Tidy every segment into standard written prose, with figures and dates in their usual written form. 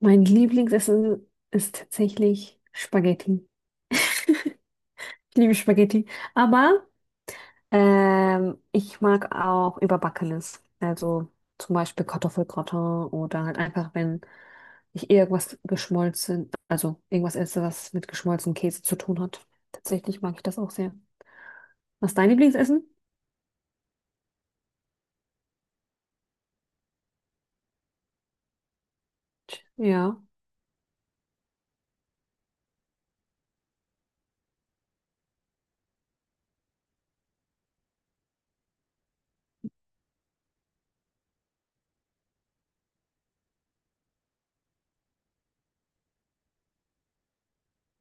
Mein Lieblingsessen ist tatsächlich Spaghetti. Ich liebe Spaghetti. Aber ich mag auch Überbackenes. Also zum Beispiel Kartoffelgratin oder halt einfach, wenn ich irgendwas geschmolzen, also irgendwas esse, was mit geschmolzenem Käse zu tun hat. Tatsächlich mag ich das auch sehr. Was ist dein Lieblingsessen? Ja.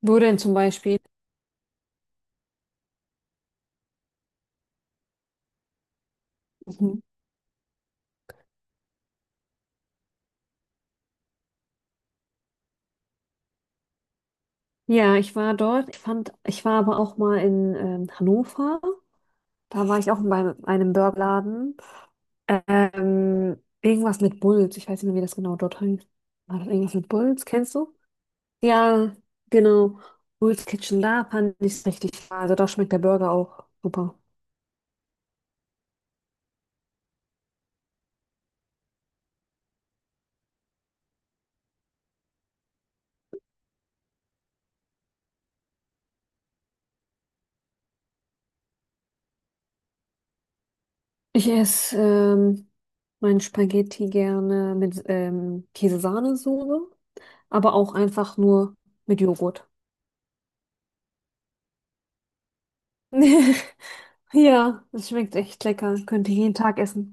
Wo denn zum Beispiel? Mhm. Ja, ich war dort. Ich fand, ich war aber auch mal in Hannover. Da war ich auch bei einem Burgerladen. Irgendwas mit Bulls. Ich weiß nicht mehr, wie das genau dort heißt. War das irgendwas mit Bulls? Kennst du? Ja, genau. Bulls Kitchen, da fand ich es richtig wahr. Also da schmeckt der Burger auch super. Ich esse mein Spaghetti gerne mit Käse, aber auch einfach nur mit Joghurt. Ja, das schmeckt echt lecker. Könnte ich jeden Tag essen.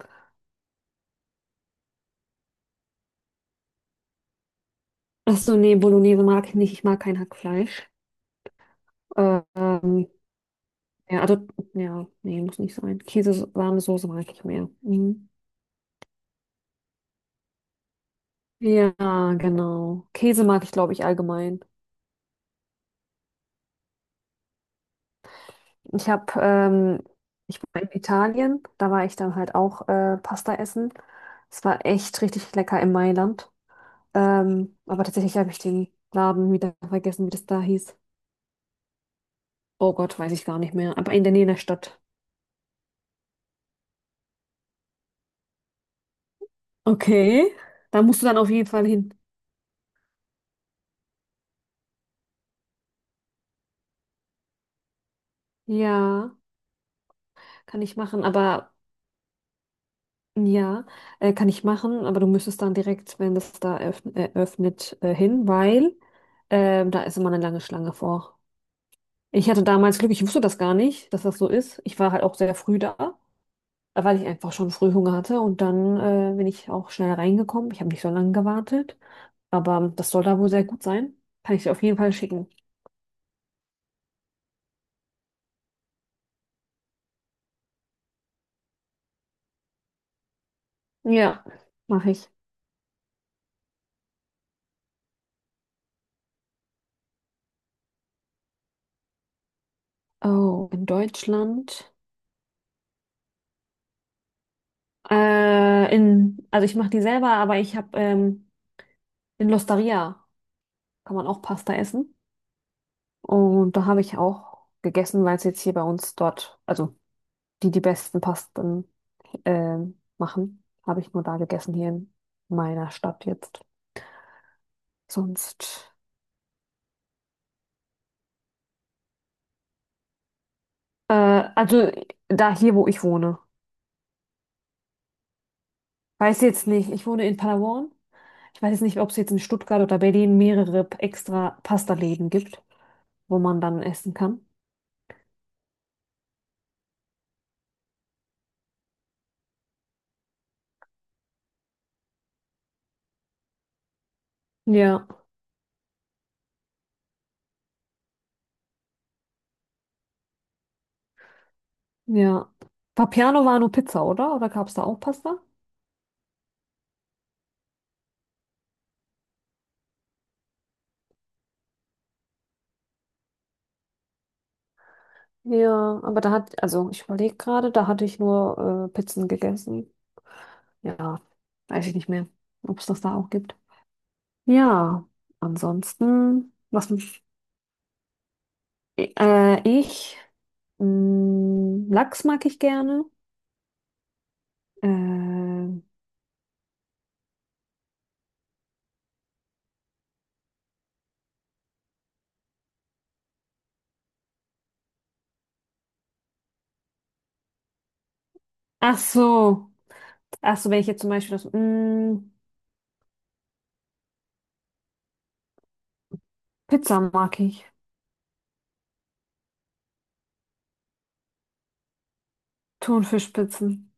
Achso, nee, Bolognese mag ich nicht. Ich mag kein Hackfleisch. Ähm, Ja, also, ja, nee, muss nicht sein. Käse, warme Soße mag ich mehr. Mhm. Ja, genau. Käse mag ich, glaube ich, allgemein. Ich habe, ich war in Italien, da war ich dann halt auch Pasta essen. Es war echt richtig lecker in Mailand. Aber tatsächlich habe ich den Laden wieder vergessen, wie das da hieß. Oh Gott, weiß ich gar nicht mehr. Aber in der Nähe der Stadt. Okay. Da musst du dann auf jeden Fall hin. Ja, kann ich machen. Aber ja, kann ich machen, aber du müsstest dann direkt, wenn das da hin, weil da ist immer eine lange Schlange vor. Ich hatte damals Glück, ich wusste das gar nicht, dass das so ist. Ich war halt auch sehr früh da, weil ich einfach schon früh Hunger hatte und dann bin ich auch schnell reingekommen. Ich habe nicht so lange gewartet, aber das soll da wohl sehr gut sein. Kann ich dir auf jeden Fall schicken. Ja, mache ich. Oh, in Deutschland. Also ich mache die selber, aber ich habe in L'Osteria kann man auch Pasta essen. Und da habe ich auch gegessen, weil es jetzt hier bei uns dort, also die besten Pasten machen, habe ich nur da gegessen hier in meiner Stadt jetzt. Sonst, äh, also da hier, wo ich wohne. Weiß jetzt nicht, ich wohne in Palawan. Ich weiß jetzt nicht, ob es jetzt in Stuttgart oder Berlin mehrere extra Pasta-Läden gibt, wo man dann essen kann. Ja, ja. Papiano war nur Pizza, oder? Oder gab es da auch Pasta? Ja, aber da hat, also ich überlege gerade, da hatte ich nur Pizzen gegessen. Ja, weiß ich nicht mehr, ob es das da auch gibt. Ja, ansonsten, was mich, ich, mh, Lachs mag ich gerne. Äh, Ach so, ach so, wenn ich jetzt zum Beispiel Pizza mag ich. Thunfischpizzen.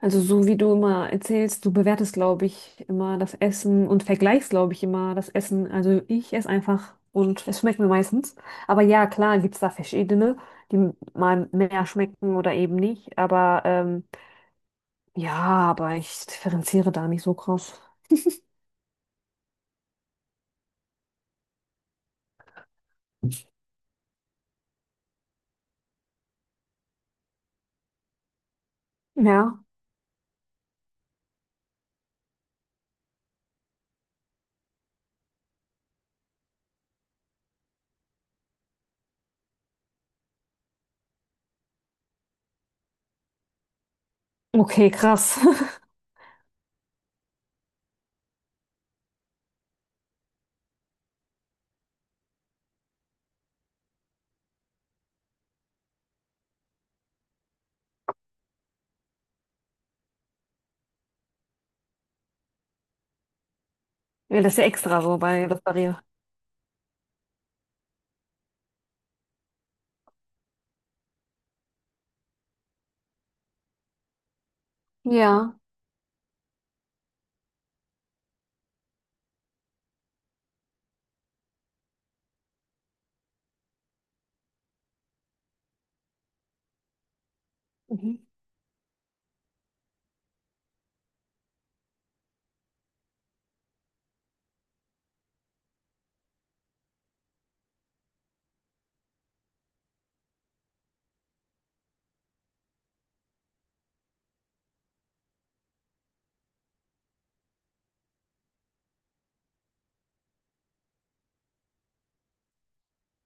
Also so wie du immer erzählst, du bewertest, glaube ich, immer das Essen und vergleichst, glaube ich, immer das Essen. Also ich esse einfach und es schmeckt mir meistens. Aber ja, klar, gibt es da verschiedene, die mal mehr schmecken oder eben nicht. Aber ja, aber ich differenziere da nicht so krass. Ja. Okay, krass. Ja, das ist ja extra so bei Losteria. Ja. Mhm.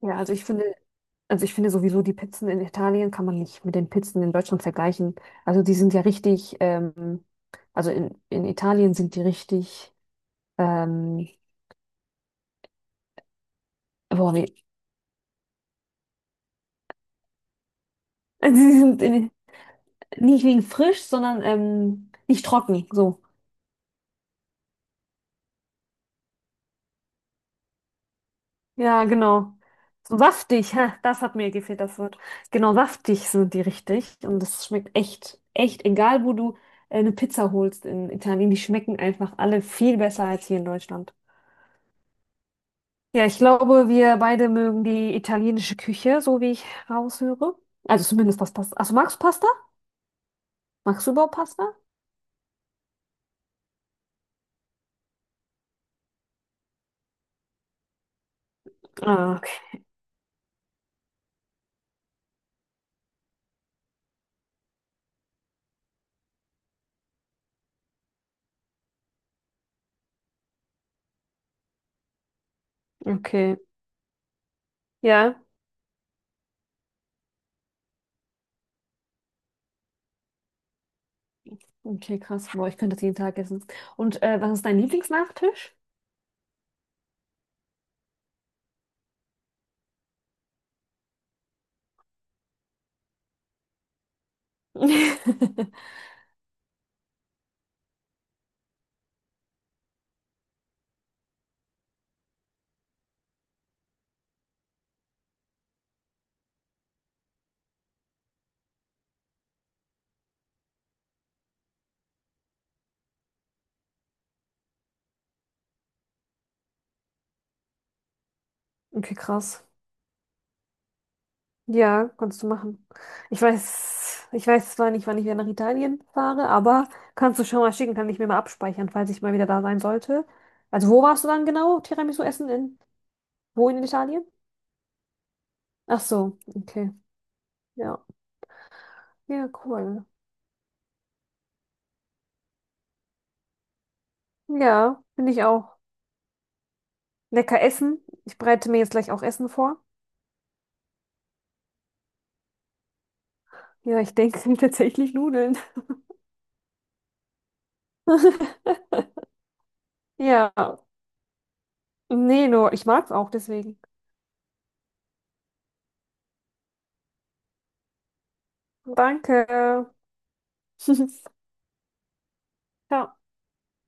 Ja, also ich finde. Also ich finde sowieso, die Pizzen in Italien kann man nicht mit den Pizzen in Deutschland vergleichen. Also die sind ja richtig, also in Italien sind die richtig, ähm, boah, wie, sie sind in, nicht wegen frisch, sondern nicht trocken, so. Ja, genau. So saftig, ha, das hat mir gefehlt, das Wort. Genau, saftig sind die richtig und das schmeckt echt, echt, egal wo du eine Pizza holst in Italien, die schmecken einfach alle viel besser als hier in Deutschland. Ja, ich glaube, wir beide mögen die italienische Küche, so wie ich raushöre. Also zumindest was Pasta. Achso, magst du Pasta? Magst du überhaupt Pasta? Ah, okay. Okay. Ja. Okay, krass. Boah, ich könnte das jeden Tag essen. Und was ist dein Lieblingsnachtisch? Okay, krass. Ja, kannst du machen. Ich weiß zwar nicht, wann ich wieder nach Italien fahre, aber kannst du schon mal schicken, kann ich mir mal abspeichern, falls ich mal wieder da sein sollte. Also wo warst du dann genau Tiramisu essen in? Wo in Italien? Ach so, okay. Ja, ja, cool. Ja, finde ich auch. Lecker essen. Ich bereite mir jetzt gleich auch Essen vor. Ja, ich denke, es sind tatsächlich Nudeln. Ja, nee, nur ich mag's auch deswegen. Danke. Ciao.